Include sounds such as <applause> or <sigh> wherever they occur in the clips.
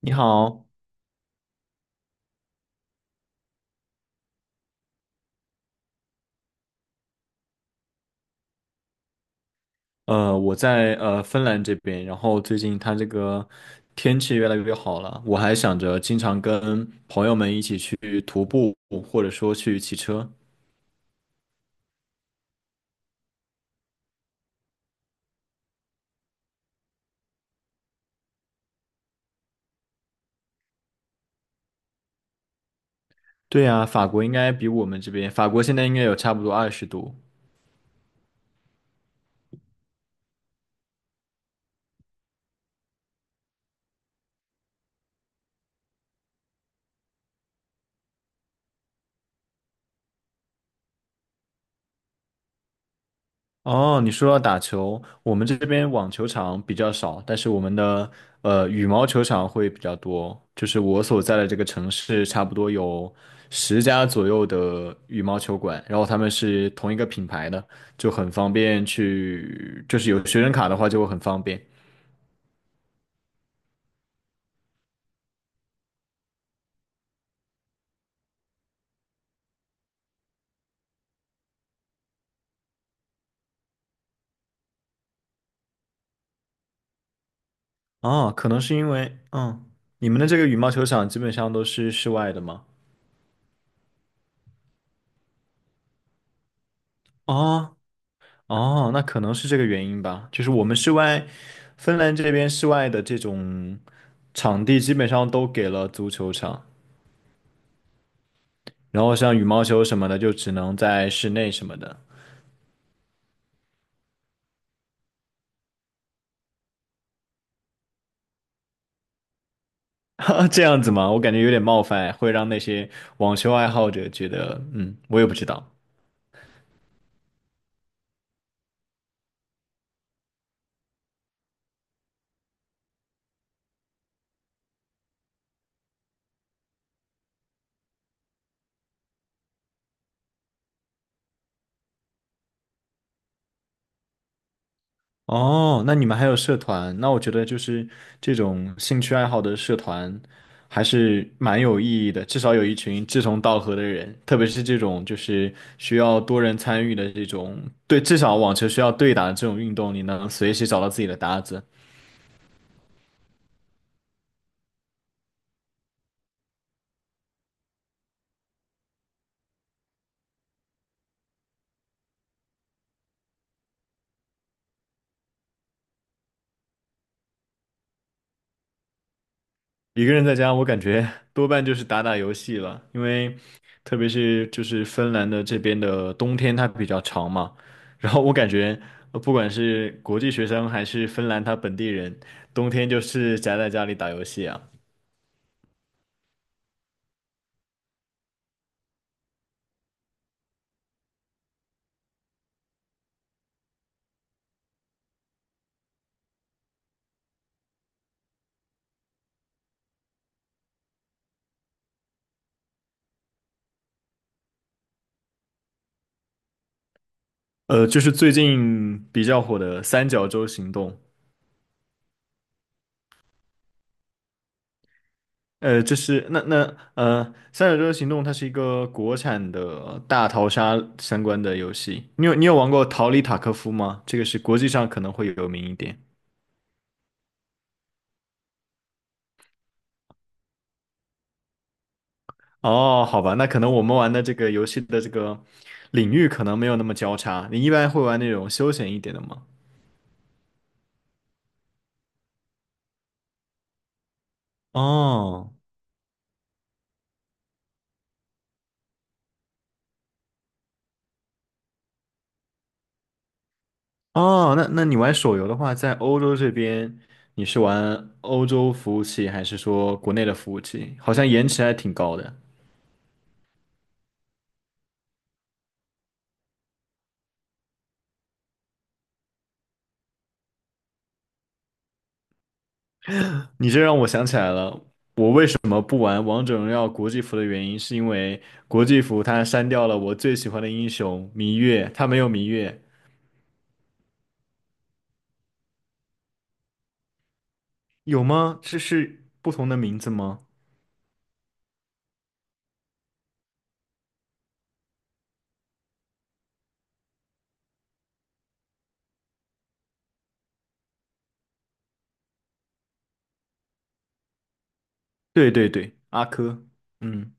你好，我在芬兰这边，然后最近它这个天气越来越好了，我还想着经常跟朋友们一起去徒步，或者说去骑车。对呀，法国应该比我们这边，法国现在应该有差不多20度。哦，你说到打球，我们这边网球场比较少，但是我们的羽毛球场会比较多。就是我所在的这个城市，差不多有10家左右的羽毛球馆，然后他们是同一个品牌的，就很方便去，就是有学生卡的话就会很方便。哦，可能是因为，嗯，你们的这个羽毛球场基本上都是室外的吗？哦哦，那可能是这个原因吧。就是我们室外，芬兰这边室外的这种。场地基本上都给了足球场，然后像羽毛球什么的就只能在室内什么的。<laughs> 这样子吗？我感觉有点冒犯，会让那些网球爱好者觉得，嗯，我也不知道。哦，那你们还有社团？那我觉得就是这种兴趣爱好的社团还是蛮有意义的，至少有一群志同道合的人，特别是这种就是需要多人参与的这种，对，至少网球需要对打的这种运动，你能随时找到自己的搭子。一个人在家，我感觉 <laughs> 多半就是打打游戏了，因为特别是就是芬兰的这边的冬天它比较长嘛，然后我感觉不管是国际学生还是芬兰他本地人，冬天就是宅在家里打游戏啊。就是最近比较火的三角洲行动。这是那那呃三角洲行动它是一个国产的大逃杀相关的游戏，你有玩过逃离塔科夫吗？这个是国际上可能会有名一点。哦，好吧，那可能我们玩的这个游戏的这个领域可能没有那么交叉。你一般会玩那种休闲一点的吗？哦哦，那你玩手游的话，在欧洲这边，你是玩欧洲服务器还是说国内的服务器？好像延迟还挺高的。你这让我想起来了，我为什么不玩王者荣耀国际服的原因，是因为国际服它删掉了我最喜欢的英雄芈月，它没有芈月。有吗？这是不同的名字吗？对对对，阿珂。嗯。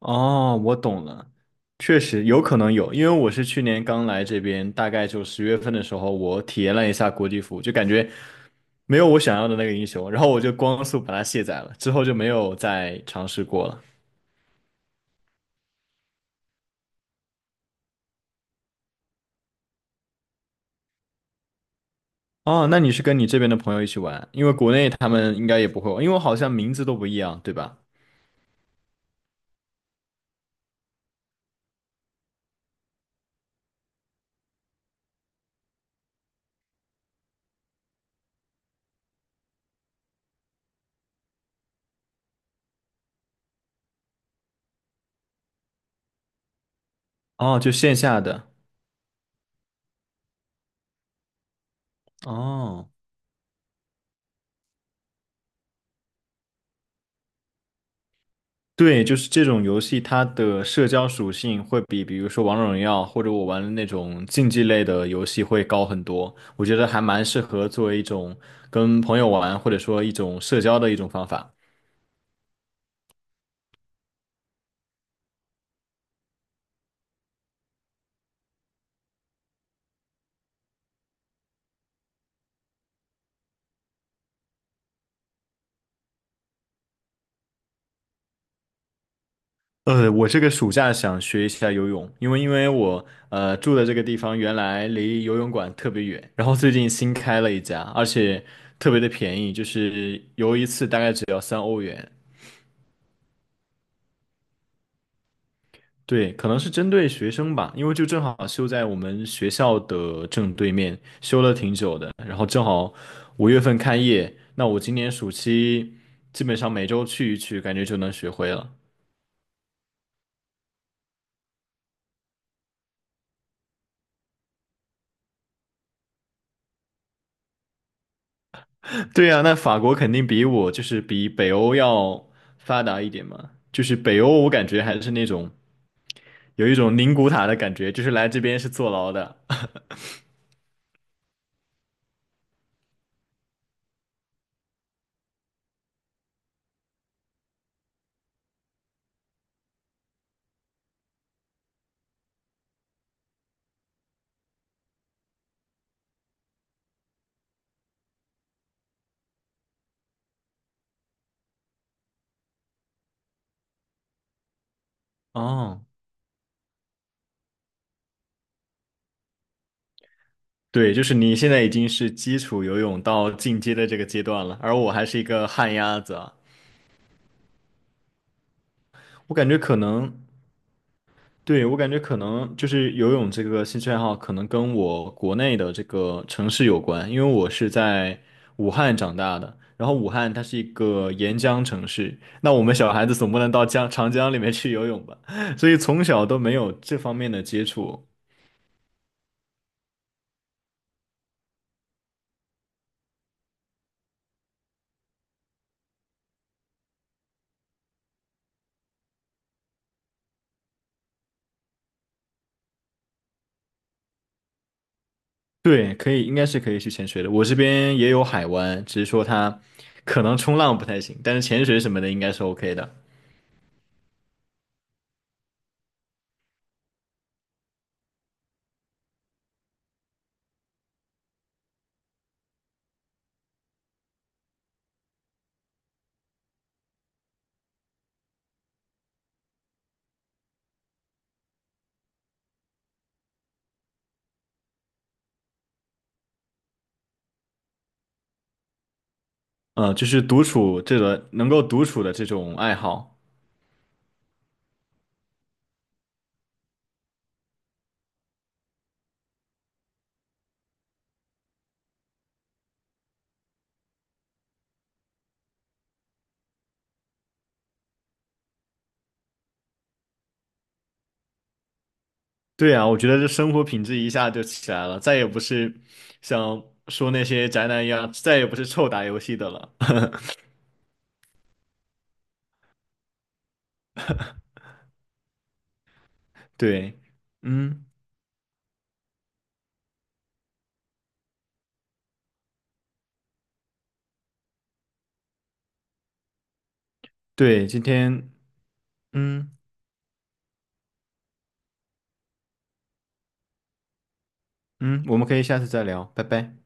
哦，我懂了，确实有可能有，因为我是去年刚来这边，大概就10月份的时候，我体验了一下国际服务就感觉没有我想要的那个英雄，然后我就光速把它卸载了，之后就没有再尝试过了。哦，那你是跟你这边的朋友一起玩，因为国内他们应该也不会玩，因为好像名字都不一样，对吧？哦，就线下的。哦。对，就是这种游戏，它的社交属性会比，比如说王者荣耀或者我玩的那种竞技类的游戏会高很多。我觉得还蛮适合作为一种跟朋友玩，或者说一种社交的一种方法。我这个暑假想学一下游泳，因为我住的这个地方原来离游泳馆特别远，然后最近新开了一家，而且特别的便宜，就是游一次大概只要3欧元。对，可能是针对学生吧，因为就正好修在我们学校的正对面，修了挺久的，然后正好5月份开业，那我今年暑期基本上每周去一去，感觉就能学会了。<laughs> 对呀，那法国肯定比我就是比北欧要发达一点嘛，就是北欧我感觉还是那种有一种宁古塔的感觉，就是来这边是坐牢的。<laughs> 哦，对，就是你现在已经是基础游泳到进阶的这个阶段了，而我还是一个旱鸭子啊。我感觉可能，对，我感觉可能就是游泳这个兴趣爱好，可能跟我国内的这个城市有关，因为我是在武汉长大的，然后武汉它是一个沿江城市，那我们小孩子总不能到江长江里面去游泳吧，<laughs> 所以从小都没有这方面的接触。对，可以，应该是可以去潜水的。我这边也有海湾，只是说它可能冲浪不太行，但是潜水什么的应该是 OK 的。嗯，就是独处这个能够独处的这种爱好。对啊，我觉得这生活品质一下就起来了，再也不是像说那些宅男一样，再也不是臭打游戏的了。<laughs> 对。嗯。对，今天。嗯嗯，我们可以下次再聊，拜拜。